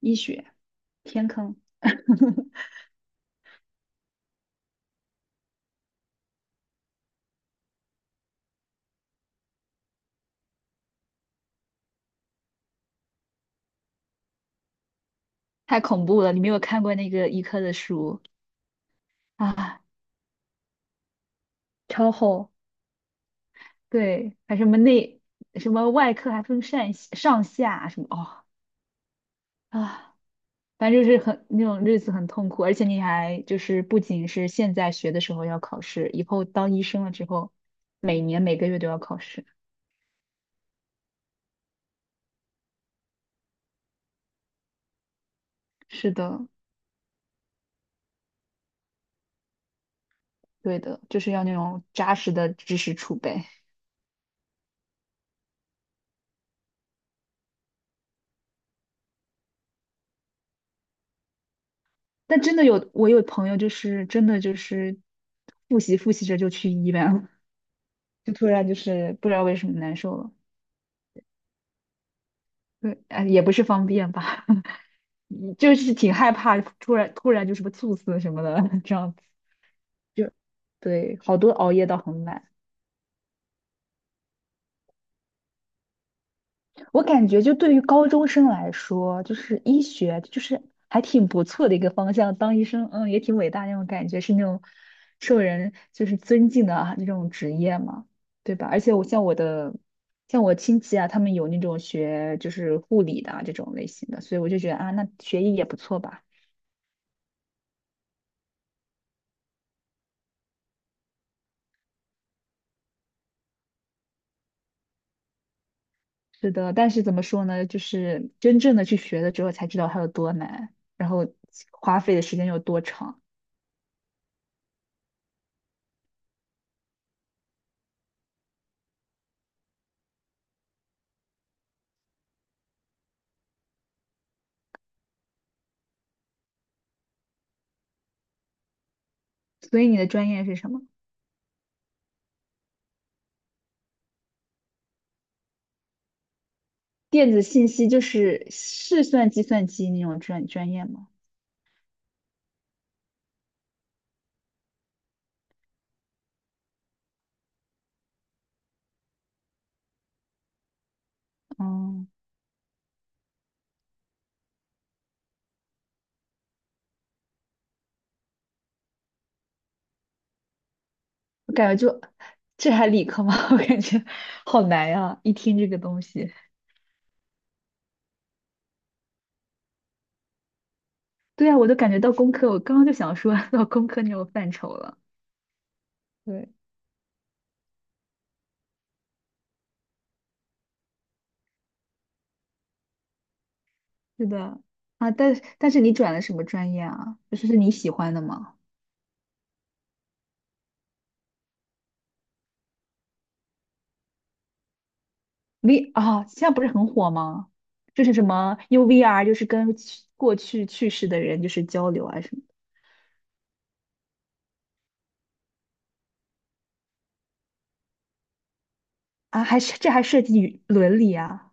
医学，天坑，太恐怖了！你没有看过那个医科的书啊，超厚，对，还什么内什么外科还分上下什么哦啊，反正就是很那种日子很痛苦，而且你还就是不仅是现在学的时候要考试，以后当医生了之后，每年每个月都要考试。是的，对的，就是要那种扎实的知识储备。但真的有，我有朋友就是真的就是复习复习着就去医院了。就突然就是不知道为什么难受了，对，哎，也不是方便吧，嗯就是挺害怕，突然就什么猝死什么的，这样子就对，好多熬夜到很晚。我感觉就对于高中生来说，就是医学就是还挺不错的一个方向，当医生，嗯，也挺伟大那种感觉，是那种受人就是尊敬的啊那种职业嘛，对吧？而且我像我的像我亲戚啊，他们有那种学就是护理的啊这种类型的，所以我就觉得啊，那学医也不错吧。是的，但是怎么说呢，就是真正的去学了之后才知道它有多难，然后花费的时间有多长。所以你的专业是什么？电子信息就是是算计算机那种专业吗？哦，我感觉就这还理科吗？我感觉好难呀、一听这个东西，对啊，我都感觉到工科，我刚刚就想说 到工科那种范畴了。对，是的啊，但是你转了什么专业啊？就是是你喜欢的吗？V 啊，现在不是很火吗？就是什么 u VR，就是跟去过去去世的人就是交流啊什么的啊，还是这还涉及伦理啊，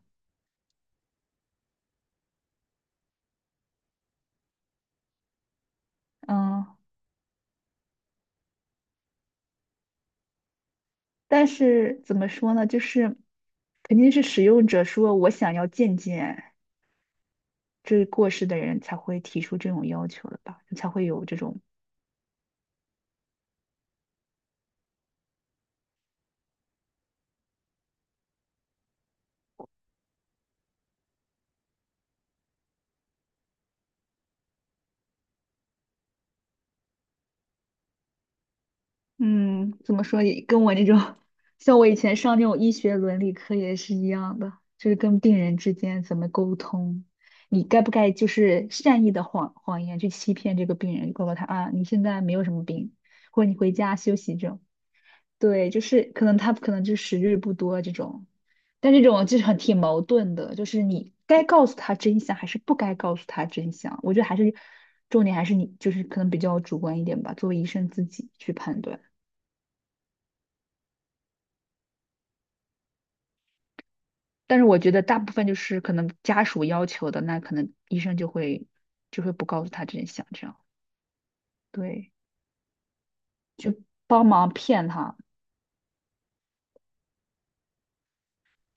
嗯。但是怎么说呢，就是肯定是使用者说我想要见见这过世的人才会提出这种要求的吧，才会有这种，嗯，怎么说也跟我那种，像我以前上那种医学伦理课也是一样的，就是跟病人之间怎么沟通，你该不该就是善意的谎言去欺骗这个病人，告诉他啊，你现在没有什么病，或者你回家休息这种。对，就是可能他可能就时日不多这种，但这种就是很挺矛盾的，就是你该告诉他真相还是不该告诉他真相，我觉得还是重点还是你就是可能比较主观一点吧，作为医生自己去判断。但是我觉得大部分就是可能家属要求的，那可能医生就会不告诉他真相，这样对，帮忙骗他。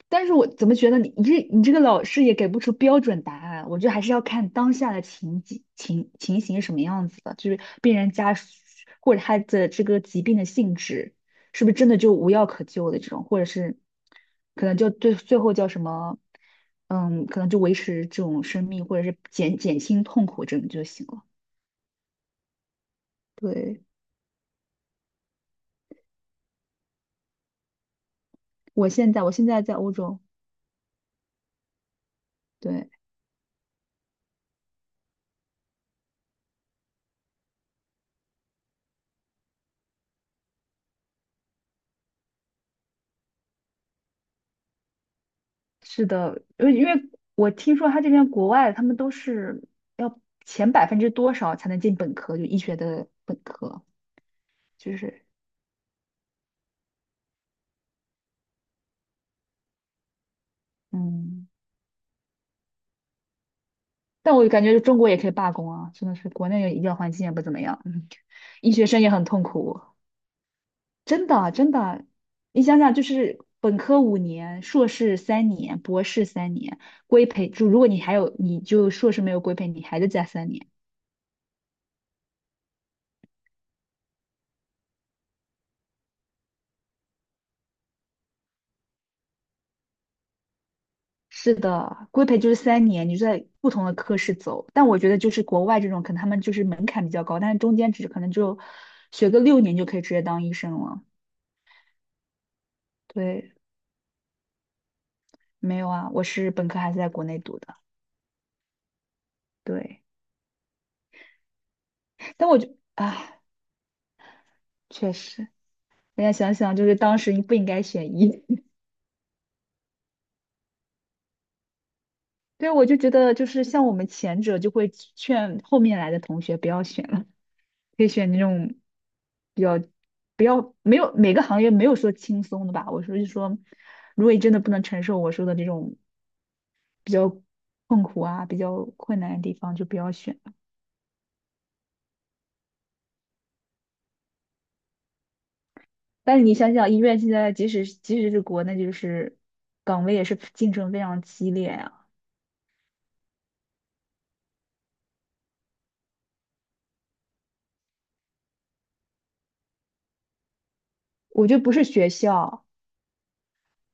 但是我怎么觉得你这个老师也给不出标准答案，我觉得还是要看当下的情景情情形是什么样子的，就是病人家属或者他的这个疾病的性质是不是真的就无药可救的这种，或者是可能就最后叫什么，嗯，可能就维持这种生命或者是减轻痛苦这种就行了。对，我现在在欧洲，对。是的，因为我听说他这边国外他们都是要前百分之多少才能进本科，就医学的本科，就是嗯，但我感觉中国也可以罢工啊，真的是国内的医疗环境也不怎么样，嗯，医学生也很痛苦，真的真的，你想想就是本科5年，硕士三年，博士三年，规培就如果你还有你就硕士没有规培，你还得加三年。是的，规培就是三年，你就在不同的科室走。但我觉得就是国外这种，可能他们就是门槛比较高，但是中间只可能就学个6年就可以直接当医生了。对，没有啊，我是本科还是在国内读的。对，但我就啊，确实，人家想想就是当时你不应该选医。对，我就觉得就是像我们前者就会劝后面来的同学不要选。了。可以选那种比较不要没有每个行业没有说轻松的吧。我说是说，如果你真的不能承受我说的这种比较痛苦啊、比较困难的地方，就不要选。但是你想想，医院现在即使是国内，就是岗位也是竞争非常激烈啊。我觉得不是学校，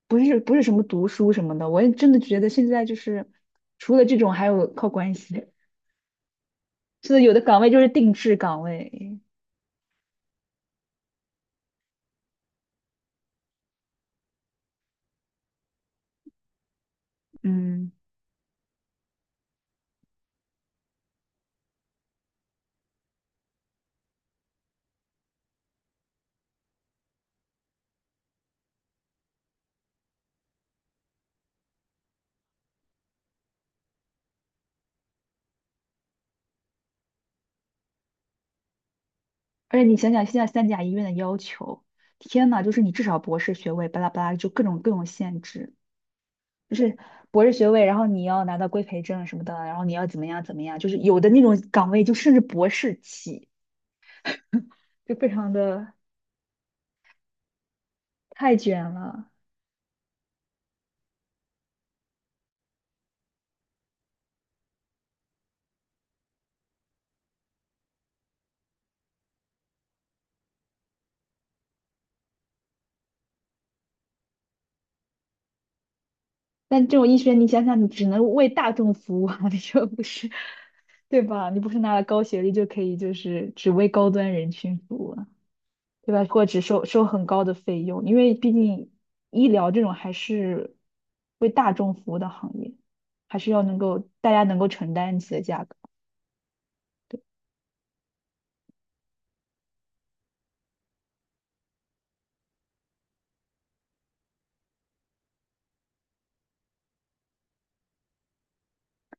不是什么读书什么的，我也真的觉得现在就是除了这种，还有靠关系。是的，有的岗位就是定制岗位，嗯。而且你想想现在三甲医院的要求，天呐，就是你至少博士学位，巴拉巴拉，就各种各种限制，就是博士学位，然后你要拿到规培证什么的，然后你要怎么样怎么样，就是有的那种岗位就甚至博士起，就非常的太卷了。但这种医学，你想想，你只能为大众服务啊，你说不是，对吧？你不是拿了高学历就可以，就是只为高端人群服务。对吧？或者收很高的费用，因为毕竟医疗这种还是为大众服务的行业，还是要能够大家能够承担起的价格。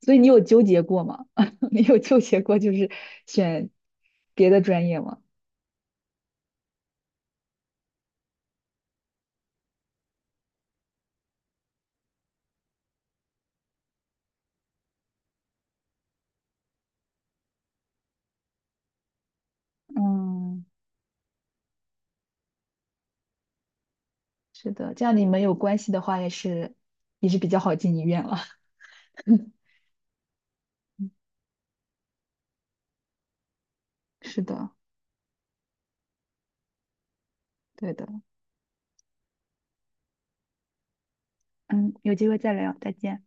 所以你有纠结过吗？你有纠结过就是选别的专业吗？嗯，是的，这样你们有关系的话，也是比较好进医院了。是的，对的。嗯，有机会再聊，再见。